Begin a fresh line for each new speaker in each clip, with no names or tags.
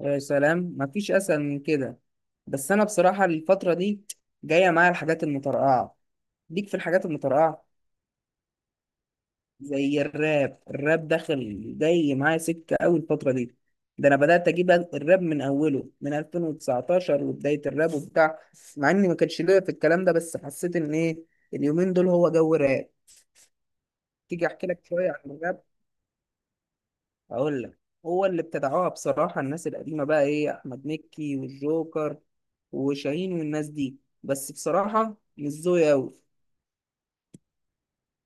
يا سلام مفيش اسهل من كده. بس انا بصراحه الفتره دي جايه معايا الحاجات المترقعه، ليك في الحاجات المترقعه. زي الراب داخل جاي معايا سكه قوي الفتره دي. ده انا بدات اجيب الراب من اوله من 2019 وبدايه الراب وبتاع. مع اني ما كانش ليا في الكلام ده، بس حسيت ان ايه، اليومين دول هو جو راب. تيجي احكي لك شويه عن الراب؟ اقول لك، هو اللي ابتدعوها بصراحه الناس القديمه، بقى ايه، احمد مكي والجوكر وشاهين والناس دي. بس بصراحه مش ذوقي قوي،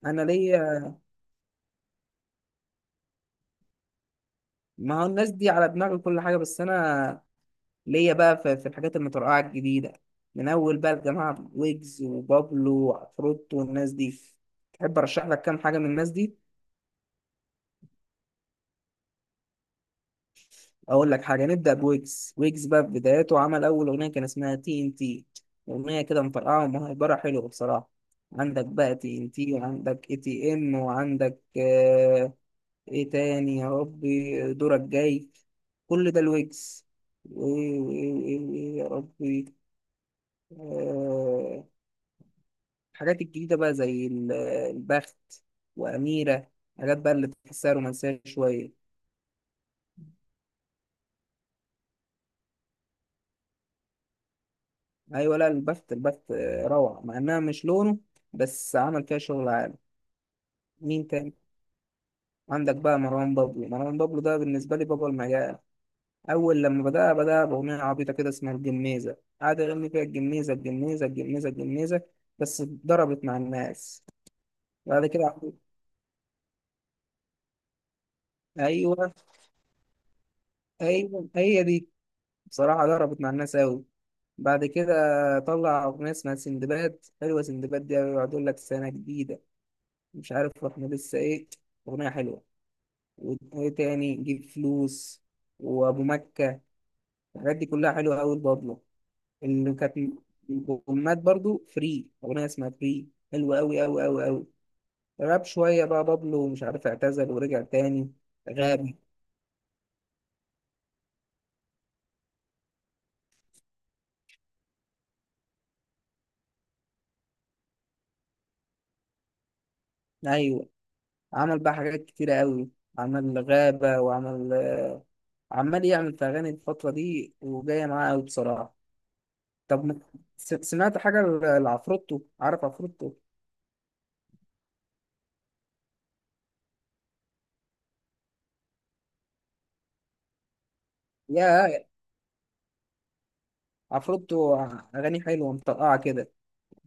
انا ليا. ما هو الناس دي على دماغي كل حاجه، بس انا ليا بقى في الحاجات المترقعه الجديده. من اول بقى الجماعه ويجز وبابلو وعفروت والناس دي. تحب ارشح لك كام حاجه من الناس دي؟ اقول لك حاجه، نبدا بويجز. ويجز بقى في بداياته عمل اول اغنيه كان اسمها تي ان تي. اغنيه كده مفرقعه ومهيبره، حلوه بصراحه. عندك بقى تي ان تي، وعندك اي تي ام، وعندك آه، ايه تاني يا ربي، دورك جاي. كل ده الويجز. وايه وايه وايه وإيه يا ربي، آه. الحاجات الجديده بقى زي البخت، واميره. حاجات بقى اللي بتحسها رومانسيه شويه. ايوه، لا، البث، البث روعه، مع انها مش لونه، بس عمل فيها شغل عالي. مين تاني؟ عندك بقى مروان بابلو. مروان بابلو ده بالنسبه لي بابا المجال. اول لما بدأ باغنيه عبيطه كده اسمها الجميزه، قعد يغني فيها الجميزه الجميزه الجميزه الجميزه، بس ضربت مع الناس. بعد كده ايوه، ايوه، هي دي. بصراحه ضربت مع الناس قوي. بعد كده طلع اغنيه اسمها سندباد، حلوه. سندباد دي يقعد يقول لك سنه جديده، مش عارف احنا لسه ايه، اغنيه حلوه. وايه تاني، جيب فلوس، وابو مكة. الحاجات دي كلها حلوة قوي البابلو. اللي كانت البومات برضو، فري، اغنية اسمها فري حلوة قوي قوي قوي قوي. غاب شوية بقى بابلو، ومش عارف اعتزل ورجع تاني. غاب، ايوه. عمل بقى حاجات كتيرة قوي. عمل غابة وعمل عمال يعمل في أغاني الفترة دي، وجاية معاه قوي بصراحة. طب ما- سمعت حاجة لعفروتو؟ عارف عفروتو؟ يا عفروتو، أغاني حلوة مطرقعة كده.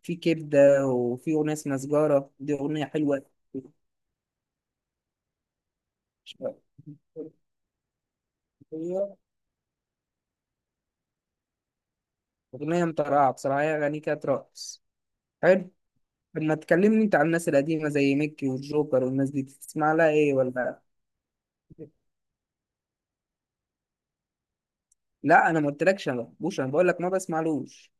في كبدة، وفي أغنية اسمها سجارة، دي أغنية حلوة. أغنية مطرقعة بصراحة، هي أغاني كانت رقص. حلو. طب ما تكلمني أنت عن الناس القديمة زي ميكي والجوكر والناس دي، بتسمع لها إيه ولا؟ لا، أنا ما قلتلكش أنا ما بحبوش، أنا بقول لك ما بسمعلوش.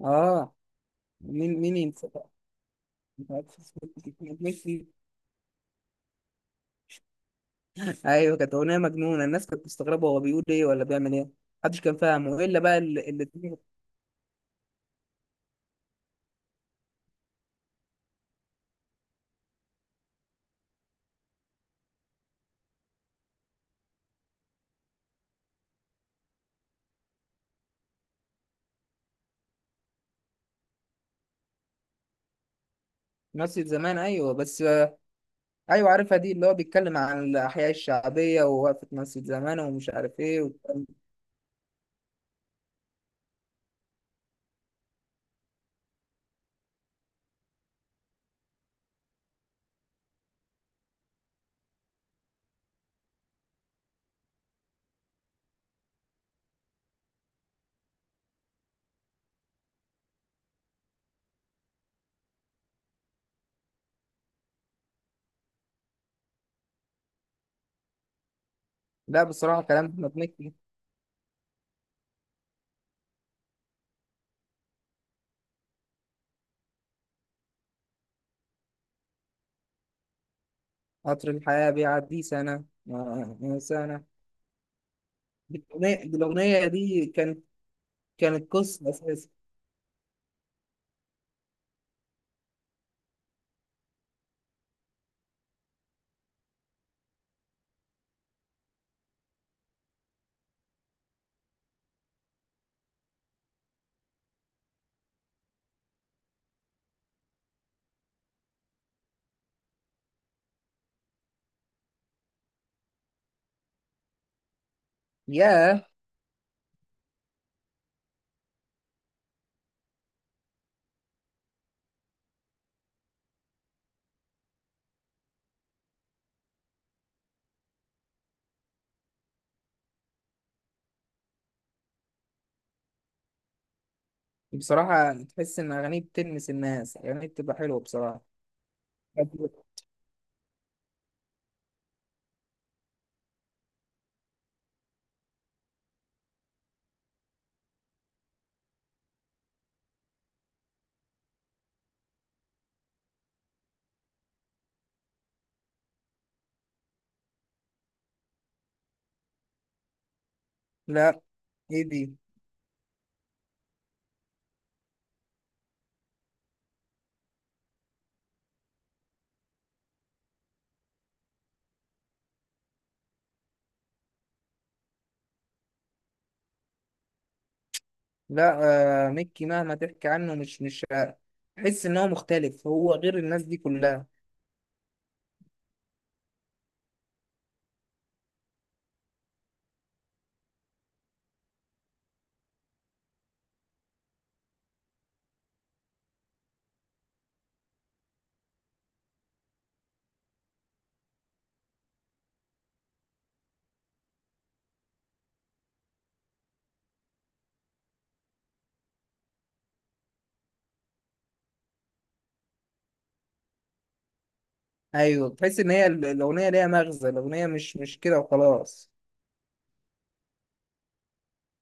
آه. مين مين ينسى بقى؟ أنت عارف اسمه، ميكي. أيوه، كانت أغنية مجنونة، الناس كانت مستغربة هو بيقول إيه ولا بيعمل إيه. محدش كان فاهمه إلا بقى اللي مثل زمان، أيوه بس. ايوه عارفها دي، اللي هو بيتكلم عن الاحياء الشعبيه، ووقفه مسجد زمان، ومش عارف ايه والكلام ده. لا بصراحه، كلام احمد مكي. قطر الحياه بيعدي سنه، سنه. الأغنية دي كانت، كانت قصه اساسا. ياه. بصراحه تحس ان اغانيه بتلمس الناس، اغانيه بتبقى حلوه بصراحه. لا. ايه دي؟ لا، آه، مكي مهما تحكي عنه مش، تحس ان هو مختلف، هو غير الناس دي كلها. ايوه، تحس ان هي الاغنيه ليها مغزى، الاغنيه مش كده وخلاص.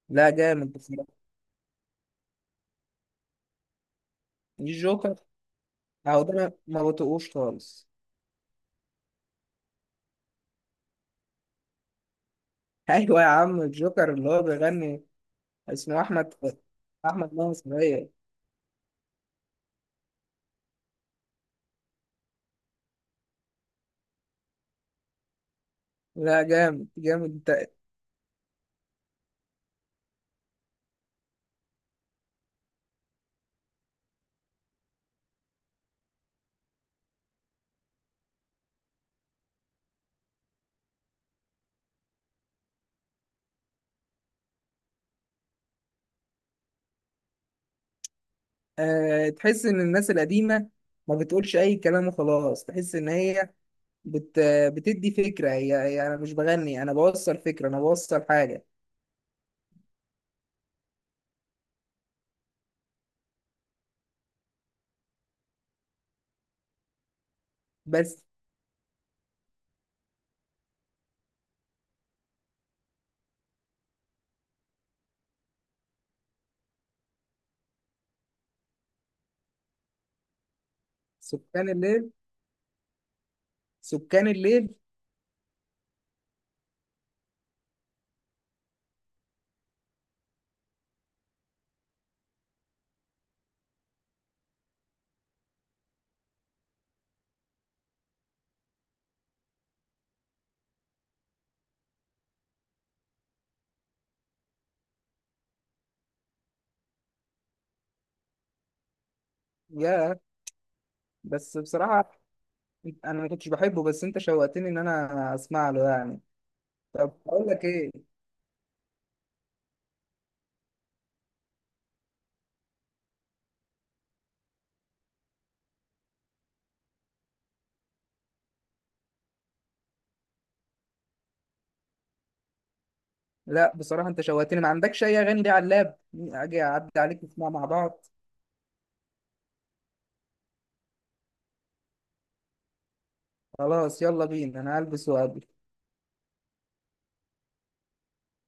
لا جامد بصراحه. الجوكر؟ اهو ده أنا ما بطيقوش خالص. ايوه يا عم الجوكر اللي هو بيغني. اسمه احمد ناصر، ايوه. لا، جامد جامد انت. أه، تحس ان الناس القديمه ما بتقولش اي كلام وخلاص، تحس ان هي بت بتدي فكره. هي انا مش بغني، انا بوصل فكره، انا بوصل حاجه. بس. سكان الليل، سكان الليل؟ يا، بس بصراحه انا ما كنتش بحبه، بس انت شوقتني ان انا اسمع له يعني. طب اقول لك ايه، لا بصراحه انت شوقتني، ما عندكش اي اغاني دي على اللاب؟ اجي اعدي عليك نسمع مع بعض. خلاص، يلا بينا، انا هلبس وأقابلك.